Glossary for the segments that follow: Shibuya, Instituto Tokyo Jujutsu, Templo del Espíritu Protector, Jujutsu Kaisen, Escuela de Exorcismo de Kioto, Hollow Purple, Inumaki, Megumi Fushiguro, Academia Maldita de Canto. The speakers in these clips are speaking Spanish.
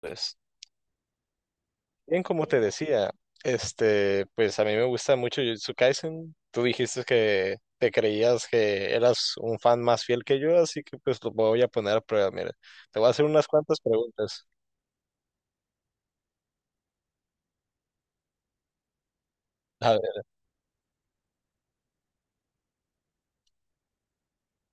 Pues, bien, como te decía, pues a mí me gusta mucho Jujutsu Kaisen. Tú dijiste que te creías que eras un fan más fiel que yo, así que pues lo voy a poner a prueba. Mira, te voy a hacer unas cuantas preguntas. A ver,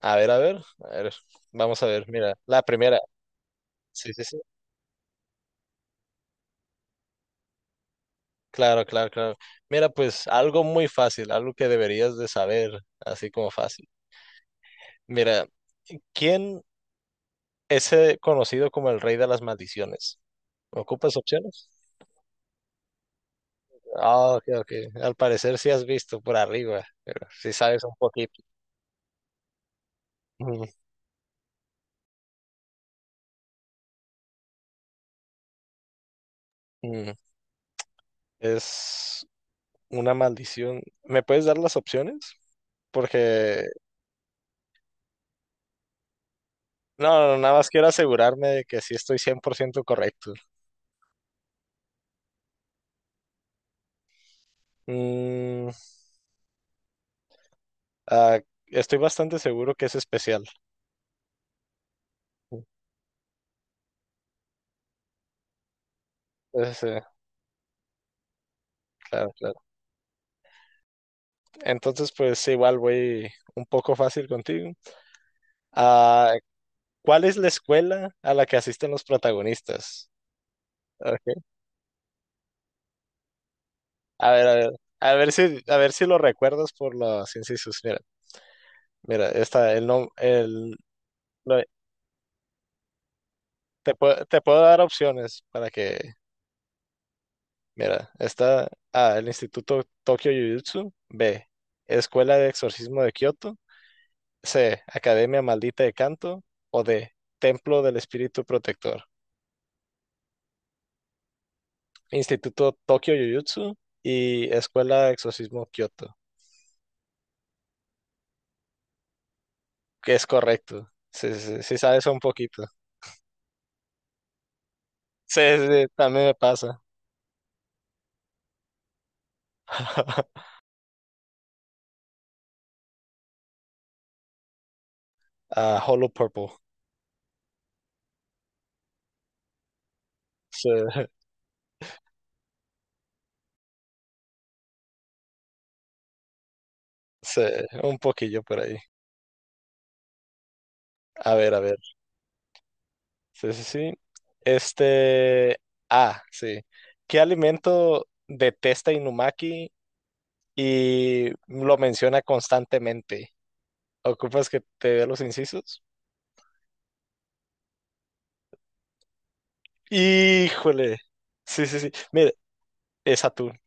a ver, a ver, a ver, vamos a ver, mira, la primera. Sí, sí, sí. Claro, claro, claro. Mira, pues algo muy fácil, algo que deberías de saber, así como fácil. Mira, ¿quién es conocido como el rey de las maldiciones? ¿Ocupas opciones? Ah, ok, ok. Al parecer sí has visto por arriba, pero sí sabes un poquito. Ujú, ujú. Es una maldición. ¿Me puedes dar las opciones? Porque, no, no, nada más quiero asegurarme de que sí estoy 100% correcto. Mm, ah, Estoy bastante seguro que es especial. Entonces, eh, claro, claro. Entonces, pues igual voy un poco fácil contigo. Ah, ¿cuál es la escuela a la que asisten los protagonistas? Ok, a ver, a ver, a ver si lo recuerdas por los incisos. Mira, mira, está el no, el, lo- te puedo dar opciones para que, mira, está A, el Instituto Tokyo Jujutsu, B, Escuela de Exorcismo de Kioto, C, Academia Maldita de Canto, o D, Templo del Espíritu Protector, Instituto Tokyo Jujutsu y Escuela de Exorcismo Kioto, que es correcto. Sí, sí, sí, sí sabes un poquito. Sí, sí, sí, también me pasa. A Hollow Purple. Sí, sí, un poquillo por ahí. A ver, a ver. Sí, sí, sí. Este. Ah, sí. ¿Qué alimento detesta Inumaki y lo menciona constantemente? ¿Ocupas que te dé los incisos? Híjole. Sí, sí, sí. Mire, es atún.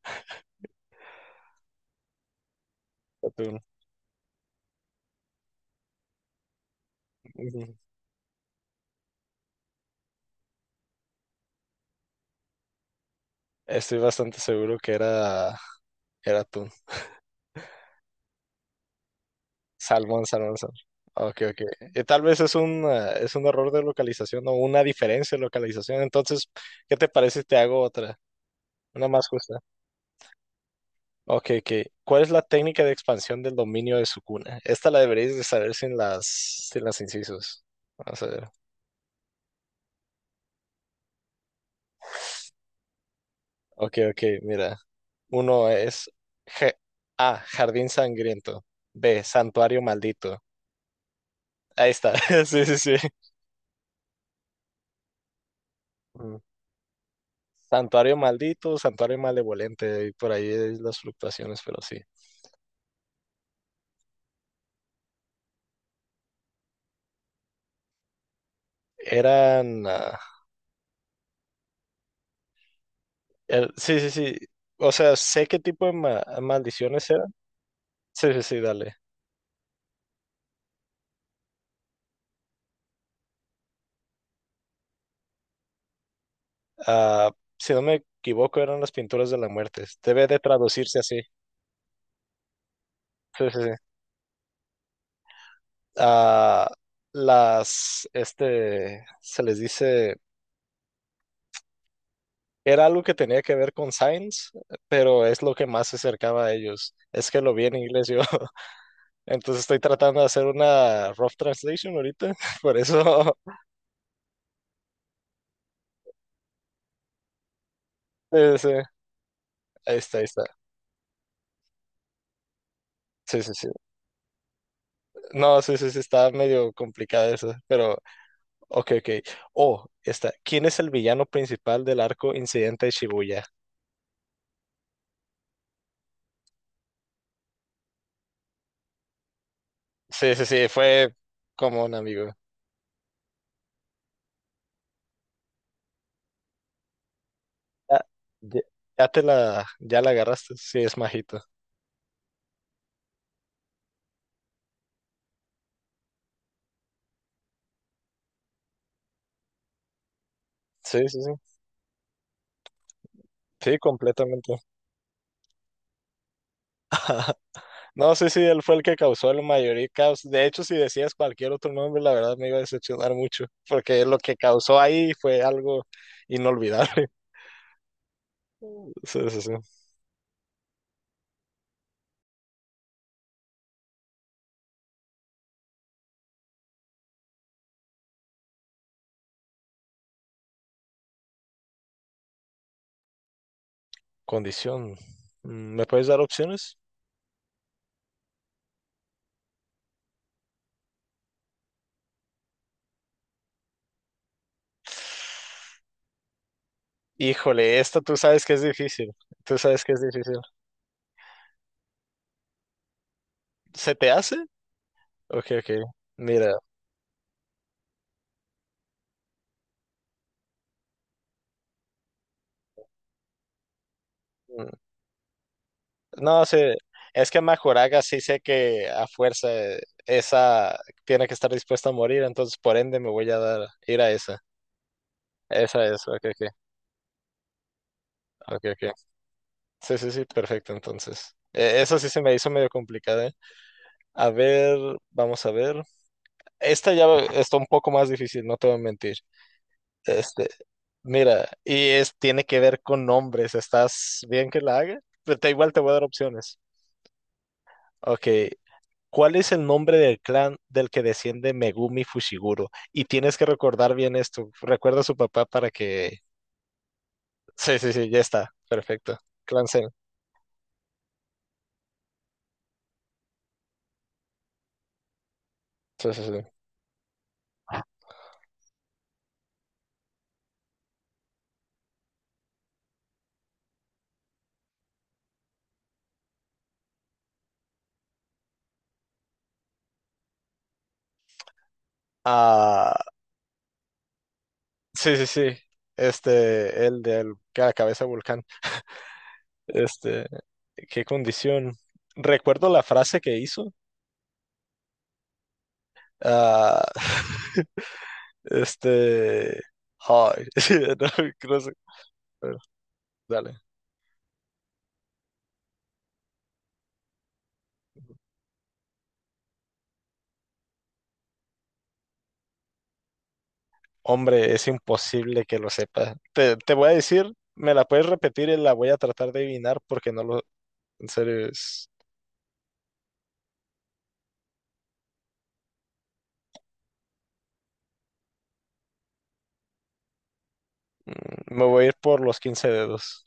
Atún. Ujú. Estoy bastante seguro que era, era atún. Salmón, salmón, salmón. Ok, ok. Tal vez es un error de localización o una diferencia de localización. Entonces, ¿qué te parece si te hago otra? Una más justa. Ok, ok. ¿Cuál es la técnica de expansión del dominio de su cuna? Esta la deberías de saber sin las incisos. Vamos a ver. Ok, ok, mira. Uno es G- A, jardín sangriento. B, santuario maldito. Ahí está. Sí, sí, sí. Santuario maldito, santuario malevolente, y por ahí es las fluctuaciones, pero sí. Eran, ah, sí, sí, sí. O sea, sé qué tipo de maldiciones eran. Sí, sí, sí, dale. Ah, si no me equivoco, eran las pinturas de la muerte. Debe de traducirse así. Sí, sí, sí. Ah, se les dice, era algo que tenía que ver con Signs, pero es lo que más se acercaba a ellos. Es que lo vi en inglés yo. Entonces estoy tratando de hacer una rough translation ahorita, por eso, sí, sí, ahí está, ahí está. Sí, sí, sí. No, sí, sí, sí, está medio complicada eso, pero, ok, ok. Oh, está. ¿Quién es el villano principal del arco Incidente de Shibuya? Sí, sí, sí, fue como un amigo. Ya, ya- ya te la, ya la agarraste, sí, es majito. Sí, sí, sí, sí, completamente. No, sí, sí, él fue el que causó el mayor caos. De hecho, si decías cualquier otro nombre, la verdad me iba a decepcionar mucho, porque lo que causó ahí fue algo inolvidable. Sí, sí, sí. Condición. ¿Me puedes dar opciones? Híjole, esta tú sabes que es difícil. Tú sabes que es difícil. ¿Se te hace? Ok, ok. Mira. mm, No, sé, es que Majoraga sí sé que a fuerza esa tiene que estar dispuesta a morir, entonces por ende me voy a ir a esa. Esa es, ok, ok. Ok, ok. Sí, sí, sí, perfecto, entonces. Esa sí se me hizo medio complicada, ¿eh? A ver, vamos a ver. Esta ya está un poco más difícil, no te voy a mentir. Este, mira, y es, tiene que ver con nombres. ¿Estás bien que la haga? Igual te voy a dar opciones. Ok. ¿Cuál es el nombre del clan del que desciende Megumi Fushiguro? Y tienes que recordar bien esto. Recuerda a su papá para que... Sí, sí, sí, ya está. Perfecto. Clan sen. Sí, sí, sí. Ah, sí, sí, sí. Este, el del que la cabeza de volcán. Este, qué condición. Recuerdo la frase que hizo. Ah, este, ay, no, no sé. Bueno, dale. Hombre, es imposible que lo sepa. Te voy a decir, me la puedes repetir y la voy a tratar de adivinar porque no lo, en serio, es- mm, me voy a ir por los 15 dedos.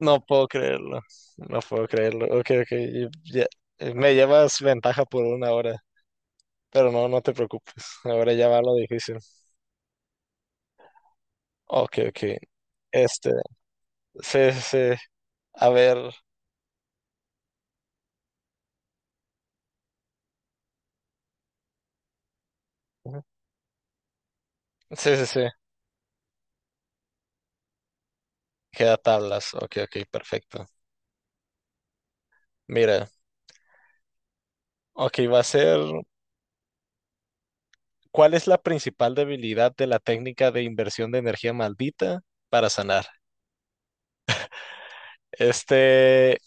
No puedo creerlo, no puedo creerlo. Ok, ok, y ya, me llevas ventaja por 1 hora. Pero no, no te preocupes. Ahora ya va lo difícil. Ok, ok. Este, sí, sí. Sí. A ver. Ujú. Sí, sí, sí. Queda tablas. Ok, ok, perfecto. Mira, ok, va a ser. ¿Cuál es la principal debilidad de la técnica de inversión de energía maldita para sanar? Este,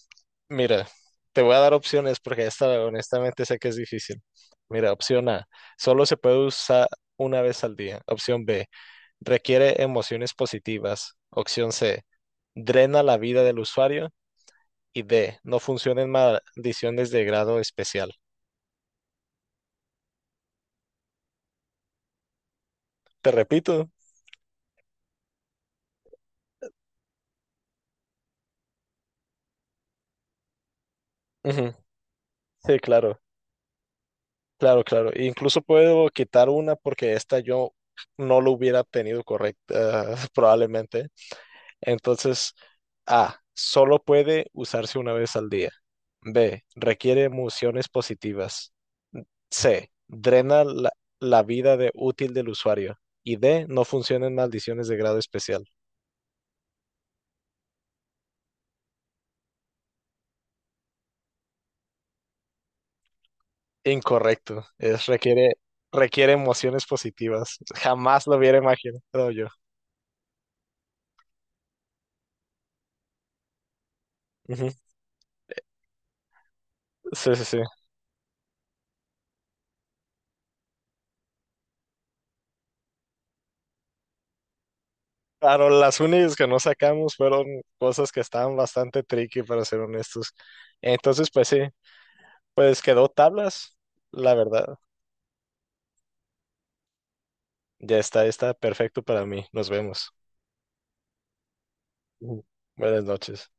mira, te voy a dar opciones porque esta honestamente sé que es difícil. Mira, opción A, solo se puede usar una vez al día. Opción B. Requiere emociones positivas. Opción C. Drena la vida del usuario. Y D. No funciona en maldiciones de grado especial. Te repito. Ujú, sí, claro, claro, claro. Incluso puedo quitar una porque esta yo no lo hubiera obtenido correcta, probablemente. Entonces, A. Solo puede usarse una vez al día. B. Requiere emociones positivas. C. La vida de útil del usuario. Y D. No funcionan maldiciones de grado especial. Incorrecto. Requiere emociones positivas. Jamás lo hubiera imaginado yo. Ujú. Sí, sí, sí. Claro, las únicas que no sacamos fueron cosas que estaban bastante tricky, para ser honestos. Entonces, pues sí, pues quedó tablas. La verdad, ya está, está perfecto para mí. Nos vemos. Ujú. Buenas noches.